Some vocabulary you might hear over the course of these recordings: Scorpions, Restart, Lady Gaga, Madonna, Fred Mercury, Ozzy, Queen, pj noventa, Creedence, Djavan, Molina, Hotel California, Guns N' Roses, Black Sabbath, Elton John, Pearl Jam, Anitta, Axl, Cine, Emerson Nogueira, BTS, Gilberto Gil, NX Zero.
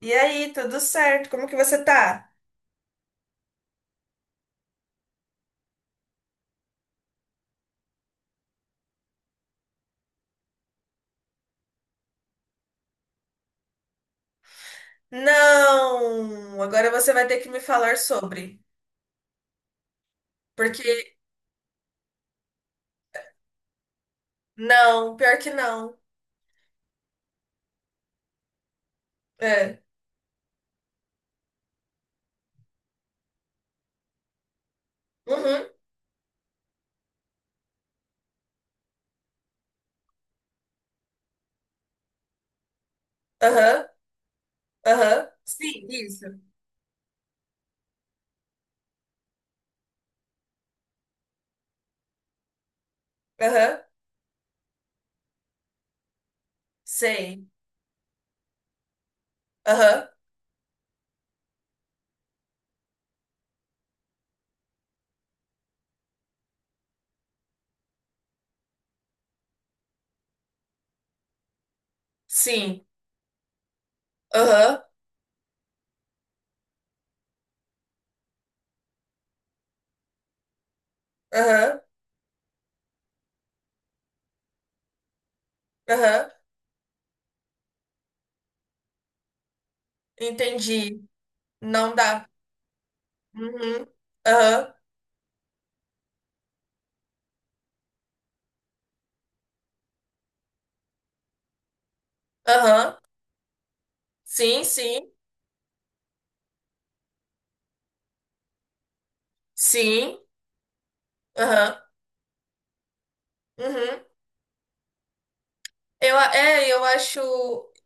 E aí, tudo certo? Como que você tá? Não! Agora você vai ter que me falar sobre. Porque, não, pior que não. É. Uhum, aham, aham. Sim, isso. Aham, sei. Aham, sim. Aham, aham, aham. Entendi. Não dá. Uhum, aham, aham. Sim, sim, sim. Aham, uhum. Eu, a- é, eu acho,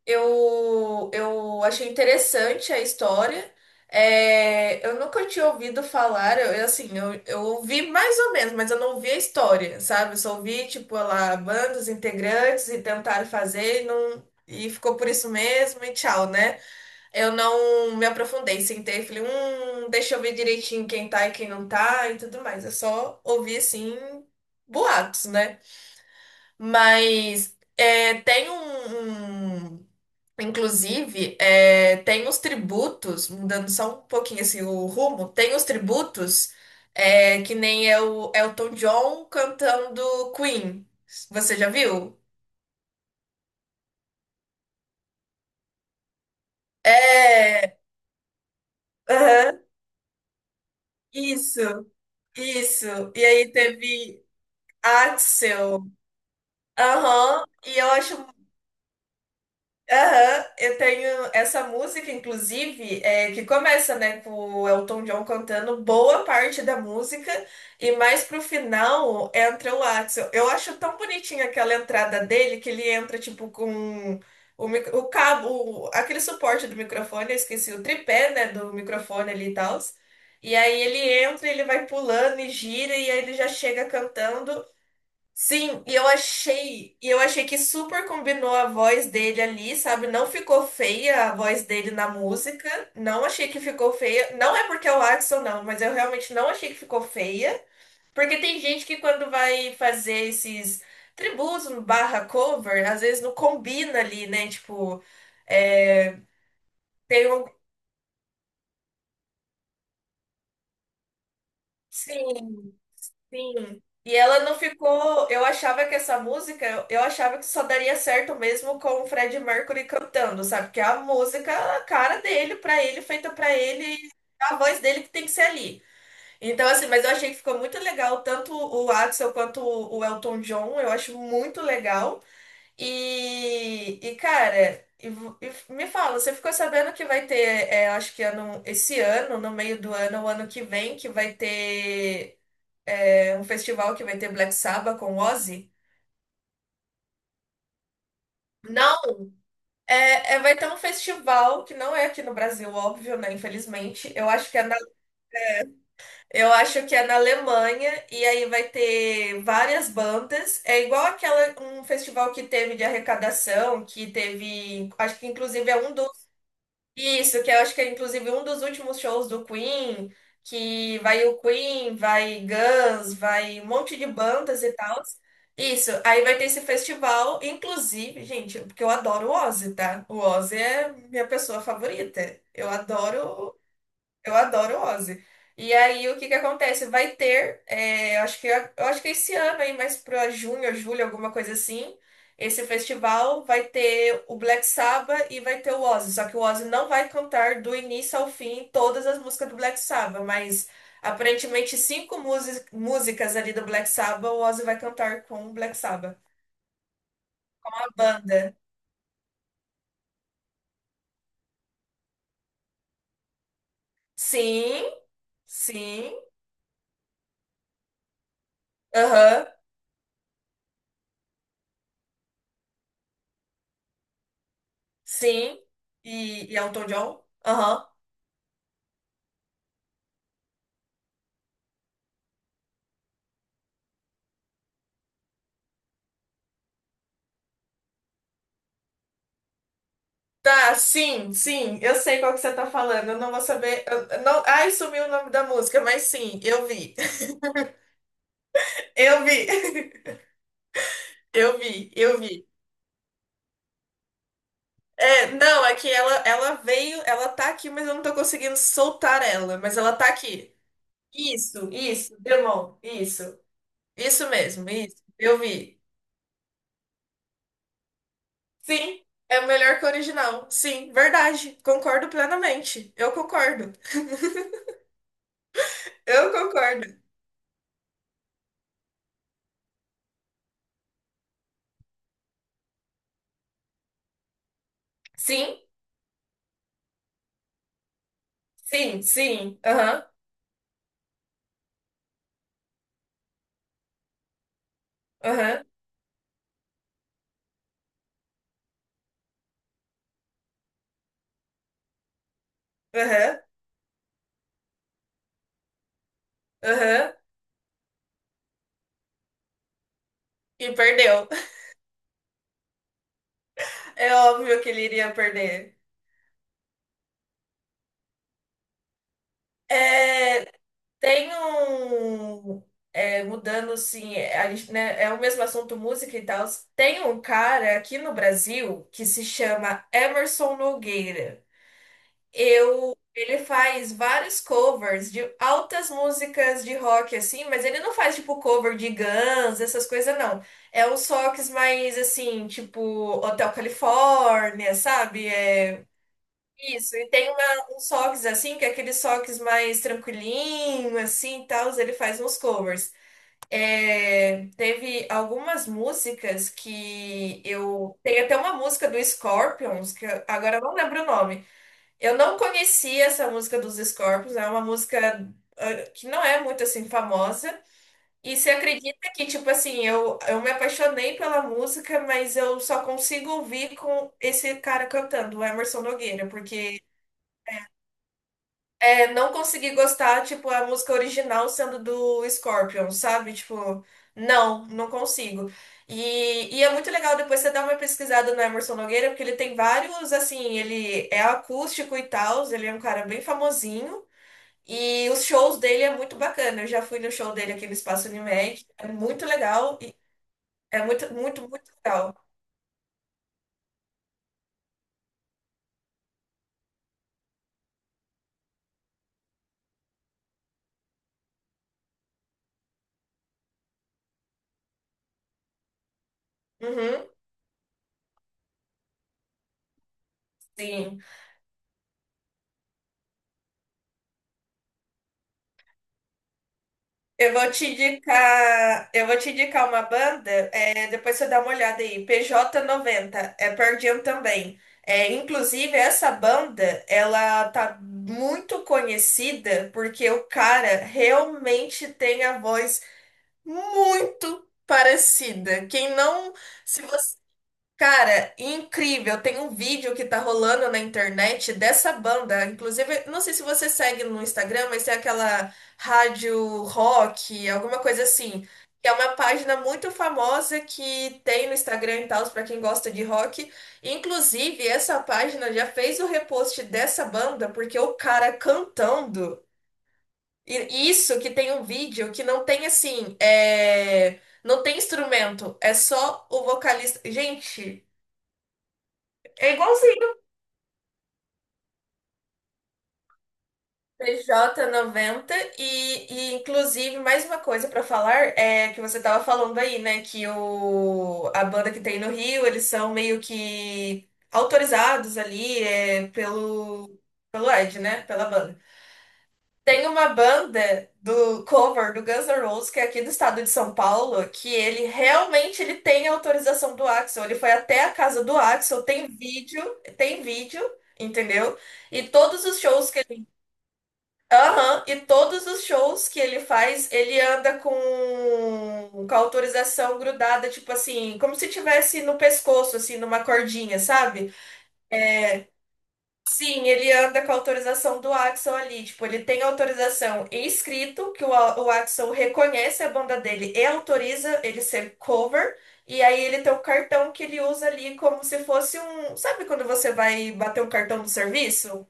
eu achei interessante a história. É, eu nunca tinha ouvido falar, eu, assim, eu ouvi mais ou menos, mas eu não ouvi a história, sabe? Eu só ouvi, tipo, lá, bandas, integrantes e tentaram fazer e não, e ficou por isso mesmo e tchau, né? Eu não me aprofundei, sentei e falei, deixa eu ver direitinho quem tá e quem não tá e tudo mais. Eu só ouvi, assim, boatos, né? Mas é, inclusive, tem os tributos, mudando só um pouquinho assim, o rumo, tem os tributos, que nem é o Elton John cantando Queen. Você já viu? É, aham, isso, isso. E aí teve Axel. Aham, e eu acho Aham, eu tenho essa música, inclusive, que começa, né, com o Elton John cantando boa parte da música e mais pro final entra o Axl. Eu acho tão bonitinha aquela entrada dele que ele entra, tipo, com o cabo, aquele suporte do microfone, eu esqueci, o tripé, né, do microfone ali e tal. E aí ele entra, ele vai pulando e gira e aí ele já chega cantando. Sim, e eu achei que super combinou a voz dele ali, sabe? Não ficou feia a voz dele na música. Não achei que ficou feia. Não é porque é o Axl, não, mas eu realmente não achei que ficou feia. Porque tem gente que quando vai fazer esses tributos barra cover, às vezes não combina ali, né? Tipo, é, tem um. Sim. Sim. E ela não ficou. Eu achava que essa música, eu achava que só daria certo mesmo com o Fred Mercury cantando, sabe? Que a música, a cara dele, pra ele, feita pra ele, a voz dele que tem que ser ali. Então, assim, mas eu achei que ficou muito legal, tanto o Axel quanto o Elton John, eu acho muito legal. E, cara, e me fala, você ficou sabendo que vai ter, acho que ano, esse ano, no meio do ano, o ano que vem, que vai ter. É um festival que vai ter Black Sabbath com Ozzy? Não, vai ter um festival que não é aqui no Brasil, óbvio, né? Infelizmente. Eu acho que é na Alemanha e aí vai ter várias bandas. É igual aquela um festival que teve de arrecadação, que teve, acho que inclusive é um dos. Isso, que eu acho que é inclusive um dos últimos shows do Queen, que vai o Queen, vai Guns, vai um monte de bandas e tal. Isso, aí vai ter esse festival, inclusive, gente, porque eu adoro o Ozzy, tá? O Ozzy é minha pessoa favorita. Eu adoro Ozzy. E aí, o que que acontece? Vai ter, é, acho que, eu acho que esse ano aí, mais pra junho, julho, alguma coisa assim, esse festival vai ter o Black Sabbath e vai ter o Ozzy. Só que o Ozzy não vai cantar do início ao fim todas as músicas do Black Sabbath, mas aparentemente cinco músicas ali do Black Sabbath, o Ozzy vai cantar com o Black Sabbath. A banda. Sim, sim, aham, sim. E, Elton John? Aham. Tá, sim, sim, eu sei qual que você tá falando. Eu não vou saber. Eu não, ai, sumiu o nome da música, mas sim, eu vi. Eu vi. Eu vi, eu vi. É, não, é que ela veio, ela tá aqui, mas eu não tô conseguindo soltar ela, mas ela tá aqui. Isso, Demon, isso. Isso mesmo, isso. Eu vi. Sim, é melhor que o original. Sim, verdade. Concordo plenamente. Eu concordo. Eu concordo. Sim, sim, sim. Aham, aham, aham. Aham, e perdeu. É óbvio que ele iria perder. É, tem um. Mudando, assim, a gente, né, é o mesmo assunto, música e tal. Tem um cara aqui no Brasil que se chama Emerson Nogueira. Ele faz vários covers de altas músicas de rock, assim, mas ele não faz, tipo, cover de Guns, essas coisas, não. É uns rocks mais, assim, tipo, Hotel California, sabe? Isso, e tem uns socks assim, que é aqueles socks mais tranquilinho, assim, e tal, ele faz uns covers. É, teve algumas músicas que eu... Tem até uma música do Scorpions, agora eu não lembro o nome. Eu não conhecia essa música dos Scorpions, é uma música que não é muito, assim, famosa. E você acredita que, tipo assim, eu me apaixonei pela música, mas eu só consigo ouvir com esse cara cantando, o Emerson Nogueira, porque... É não consegui gostar, tipo, a música original sendo do Scorpion, sabe? Tipo, não, não consigo. E, é muito legal depois você dar uma pesquisada no Emerson Nogueira, porque ele tem vários, assim, ele é acústico e tal, ele é um cara bem famosinho. E os shows dele é muito bacana. Eu já fui no show dele aqui no Espaço Unimed. É muito legal. É muito, muito, muito legal. Uhum, sim. Eu vou te indicar uma banda, é, depois você dá uma olhada aí, PJ90 é Pearl Jam também. É, inclusive, essa banda, ela tá muito conhecida porque o cara realmente tem a voz muito parecida. Quem não, se você. Cara, incrível! Tem um vídeo que tá rolando na internet dessa banda. Inclusive, não sei se você segue no Instagram, mas tem aquela rádio rock, alguma coisa assim. Que é uma página muito famosa que tem no Instagram e tal, pra quem gosta de rock. Inclusive, essa página já fez o repost dessa banda, porque o cara cantando. E isso que tem um vídeo que não tem assim. É... Não tem instrumento, é só o vocalista. Gente. É igualzinho. PJ90 e inclusive mais uma coisa pra falar é que você tava falando aí, né, que o a banda que tem no Rio, eles são meio que autorizados ali é, pelo Ed, né, pela banda. Tem uma banda do cover do Guns N' Roses que é aqui do estado de São Paulo, que ele realmente ele tem autorização do Axl, ele foi até a casa do Axl, tem vídeo, entendeu? E todos os shows que Aham, e todos os shows que ele faz, ele anda com a autorização grudada, tipo assim, como se tivesse no pescoço, assim, numa cordinha, sabe? Sim, ele anda com a autorização do Axl ali, tipo, ele tem autorização em escrito, que o, o Axl reconhece a banda dele e autoriza ele ser cover, e aí ele tem o cartão que ele usa ali como se fosse um, sabe quando você vai bater um cartão do serviço?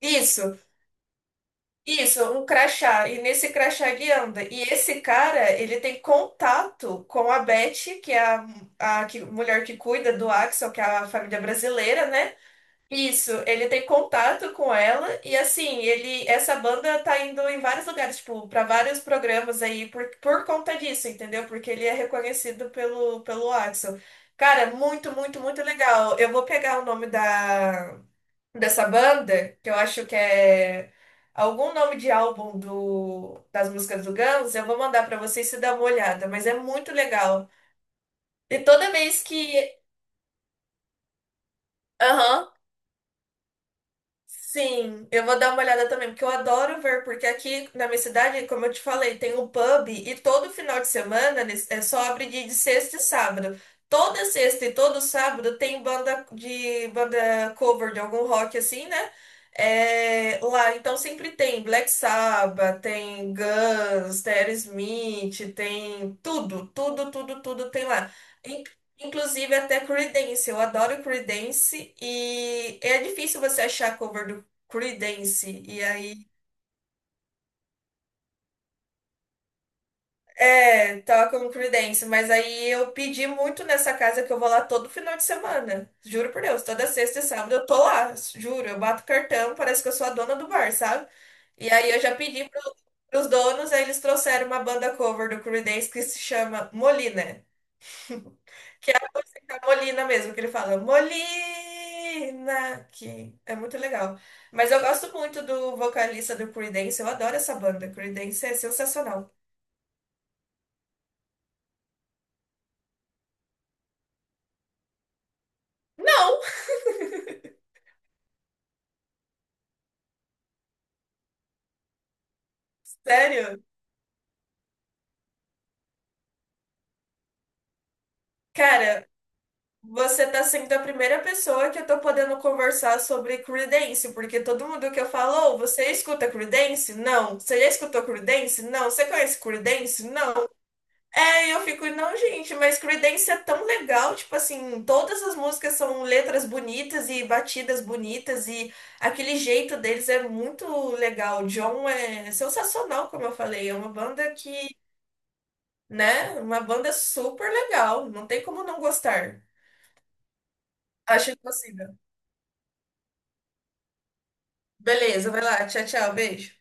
Isso. Isso, um crachá. E nesse crachá ele anda. E esse cara, ele tem contato com a Beth, que é a mulher que cuida do Axel, que é a família brasileira, né? Isso, ele tem contato com ela e assim, ele essa banda tá indo em vários lugares, tipo, para vários programas aí por conta disso, entendeu? Porque ele é reconhecido pelo Axel. Cara, muito, muito, muito legal. Eu vou pegar o nome da dessa banda, que eu acho que é algum nome de álbum das músicas do Guns, eu vou mandar pra vocês se dar uma olhada, mas é muito legal. E toda vez que, aham, sim, eu vou dar uma olhada também, porque eu adoro ver, porque aqui na minha cidade, como eu te falei, tem um pub e todo final de semana é só abre de, sexta e sábado. Toda sexta e todo sábado tem banda de banda cover de algum rock assim, né? É, lá, então sempre tem Black Sabbath, tem Guns, tem Aerosmith, tem tudo, tudo, tudo, tudo tem lá. Inclusive até Creedence, eu adoro Creedence e é difícil você achar cover do Creedence. E aí, é, toca um Creedence, mas aí eu pedi muito nessa casa que eu vou lá todo final de semana. Juro por Deus, toda sexta e sábado eu tô lá, juro, eu bato cartão, parece que eu sou a dona do bar, sabe? E aí eu já pedi pros donos, aí eles trouxeram uma banda cover do Creedence que se chama Molina. É a Molina mesmo, que ele fala, Molina, que é muito legal. Mas eu gosto muito do vocalista do Creedence, eu adoro essa banda. Creedence é sensacional. Não, sério? Cara, você tá sendo a primeira pessoa que eu tô podendo conversar sobre Creedence, porque todo mundo que eu falo, "Oh, você escuta Creedence? Não. Você já escutou Creedence? Não. Você conhece Creedence? Não. É, e eu fico, não, gente, mas Creedence é tão legal, tipo assim, todas as músicas são letras bonitas e batidas bonitas e aquele jeito deles é muito legal. O John é sensacional, como eu falei, é uma banda que, né, uma banda super legal, não tem como não gostar. Acho impossível. Beleza, vai lá, tchau, tchau, beijo.